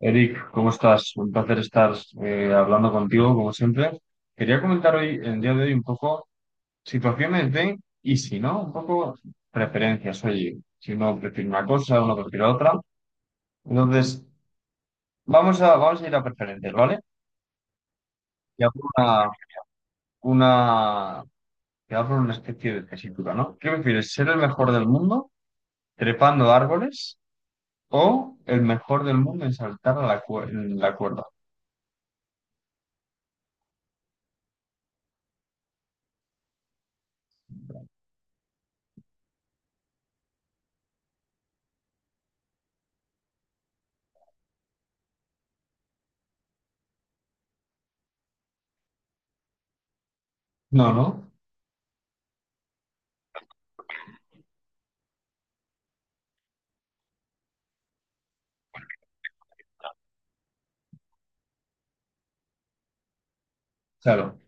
Eric, ¿cómo estás? Un placer estar hablando contigo, como siempre. Quería comentar hoy, en el día de hoy, un poco situaciones de y si no, un poco preferencias. Oye, si uno prefiere una cosa, uno prefiere otra. Entonces, vamos a ir a preferencias, ¿vale? Ya por una, te hago una especie de tesitura, ¿no? ¿Qué prefieres, ser el mejor del mundo trepando árboles o el mejor del mundo en saltar en la cuerda? No, no, claro.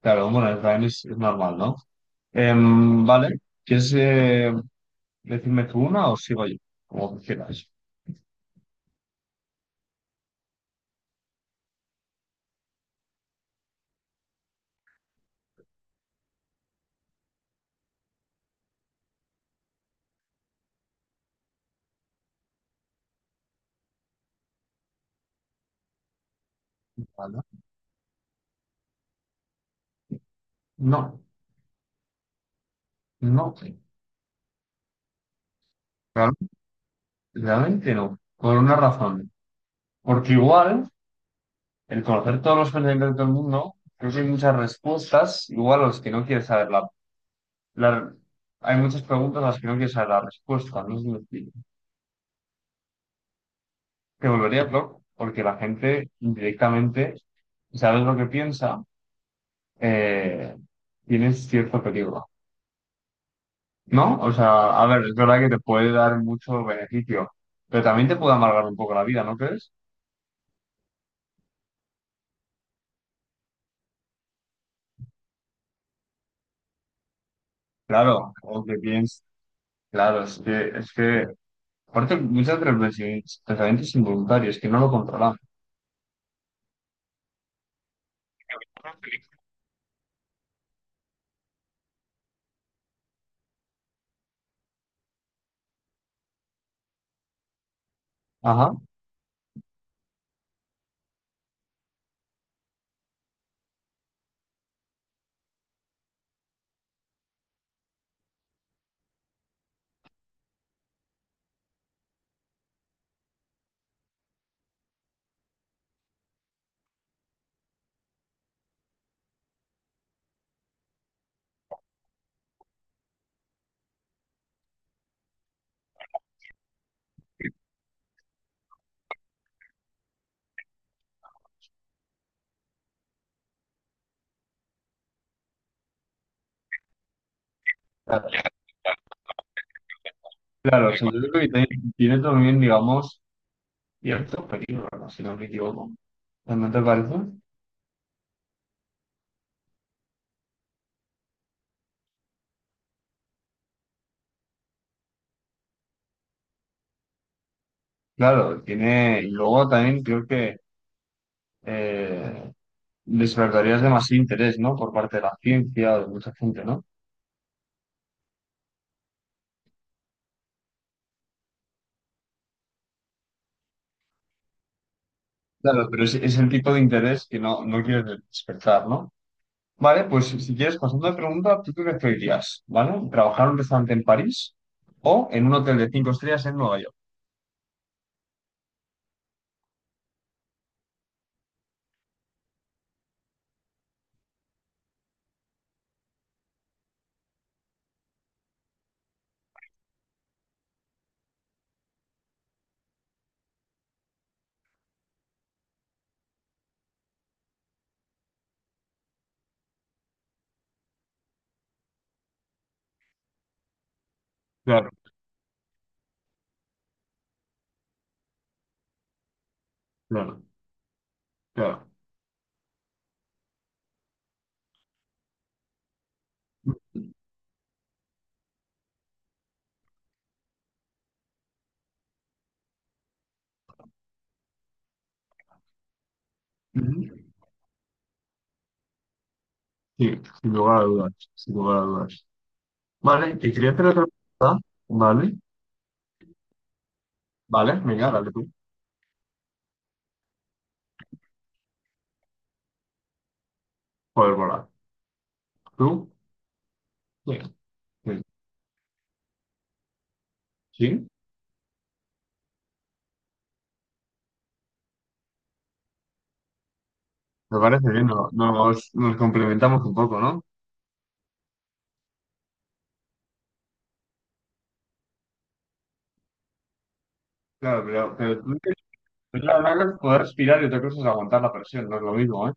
Claro, bueno, también es normal, ¿no? Vale, ¿quieres decirme tú una o sigo yo? Como quieras. Vale. No, no, claro, realmente no, por una razón. Porque igual, el conocer todos los pensamientos del mundo, creo que hay muchas respuestas, igual a los que no quieres saber la. Hay muchas preguntas a las que no quieres saber la respuesta, no sé si me explico. Te volvería loco, porque la gente directamente, sabes lo que piensa, eh, tienes cierto peligro. ¿No? O sea, a ver, es verdad que te puede dar mucho beneficio, pero también te puede amargar un poco la vida, ¿no crees? Claro, o que piensas. Claro, es que, aparte, muchas de los pensamientos involuntarios que no lo controlamos. Ajá. Claro, o sea, yo creo que tiene también, digamos, cierto peligro, ¿no? Si no me equivoco. ¿No te parece? Claro, tiene, y luego también creo que eh, despertarías demasiado interés, ¿no? Por parte de la ciencia, de mucha gente, ¿no? Claro, pero es el tipo de interés que no quieres despertar, ¿no? Vale, pues si quieres, pasando de pregunta, ¿tú qué preferirías? ¿Vale? ¿Trabajar en un restaurante en París o en un hotel de 5 estrellas en Nueva York? Claro, claro, claro. Ujú. Sí, sin lugar a dudas, sin lugar a dudas. Vale, te quería hacer otra pregunta. Vale, vale, venga, dale tú. Joder, bola. ¿Tú? Sí. Sí, sí, me parece bien, nos complementamos un poco, ¿no? Claro, pero tú la verdad es poder respirar y otra cosa es aguantar la presión, no es lo mismo, ¿eh?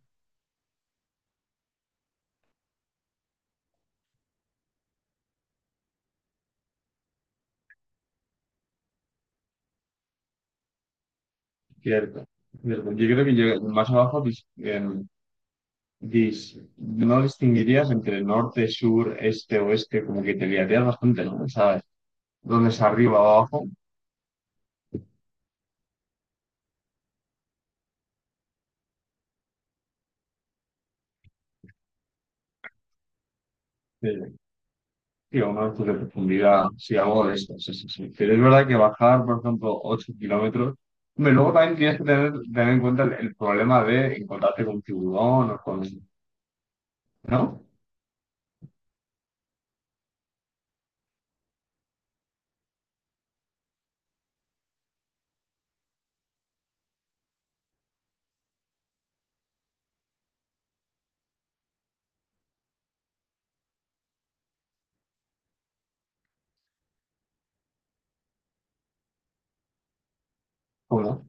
Cierto. Cierto. Yo creo que más abajo no distinguirías entre norte, sur, este, oeste, como que te liarías bastante, ¿no? ¿Sabes? ¿Dónde es arriba o abajo? Sí, sí, a una altura de profundidad, sí, algo de esto, sí, sí, sí. Pero es verdad que bajar, por ejemplo, 8 kilómetros, hombre, luego también tienes que tener en cuenta el problema de encontrarte con un tiburón o con... ¿No? ¿Cómo?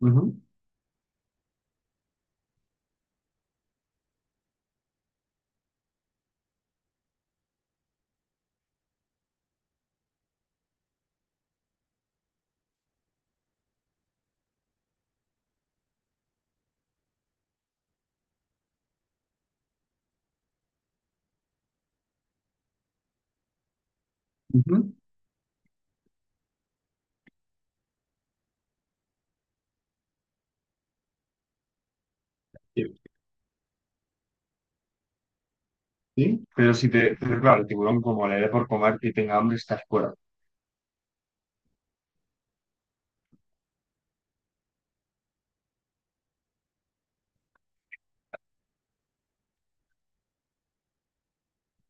Ujú, ujú. Sí, pero si te, pero claro, el tiburón como le dé por comer y tenga hambre, estás fuera.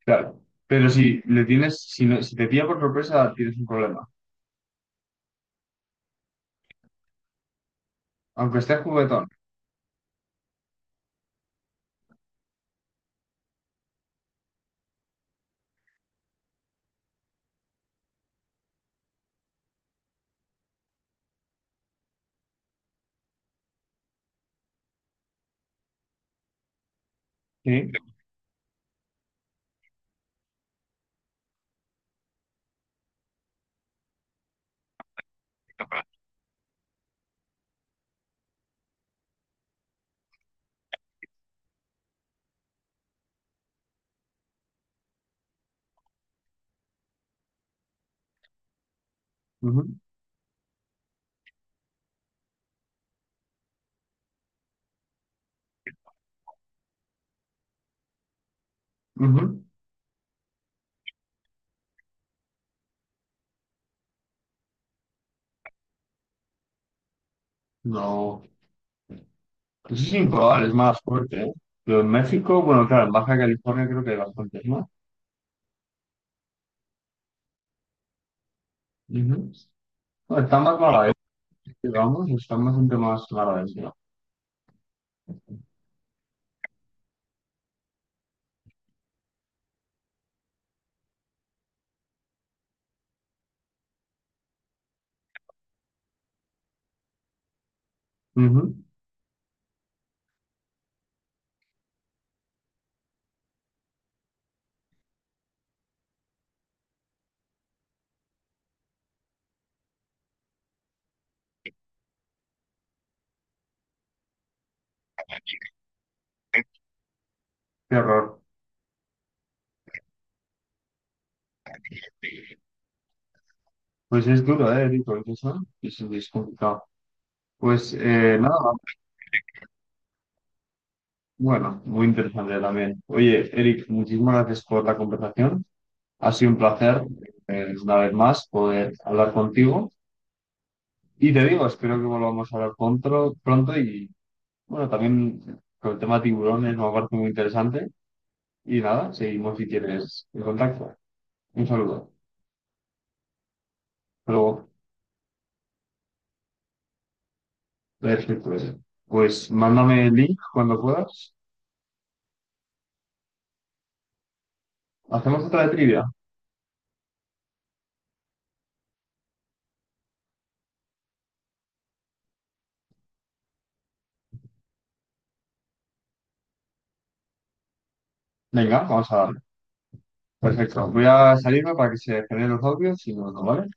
Claro. Pero si le tienes, si no, si te pilla por sorpresa, tienes un problema. Aunque estés juguetón. Sí. Ujú, ujú. No. Eso es improbable, es más fuerte, ¿eh? Pero en México, bueno, claro, en Baja California creo que hay bastantes más. Ujú. Bueno, está más mala, digamos, está bastante más mala. Ujú. Qué horror. Pues es duro, ¿eh, Rico? Eso es complicado. Pues nada. Bueno, muy interesante también. Oye, Eric, muchísimas gracias por la conversación. Ha sido un placer, una vez más, poder hablar contigo. Y te digo, espero que volvamos a hablar pronto, pronto y bueno, también con el tema de tiburones me parece muy interesante. Y nada, seguimos si quieres en contacto. Un saludo. Pero, Perfecto. Pues mándame el link cuando puedas. Hacemos otra de trivia. Venga, vamos a darle. Perfecto. Voy a salirme para que se generen los audios y nos vemos, ¿vale?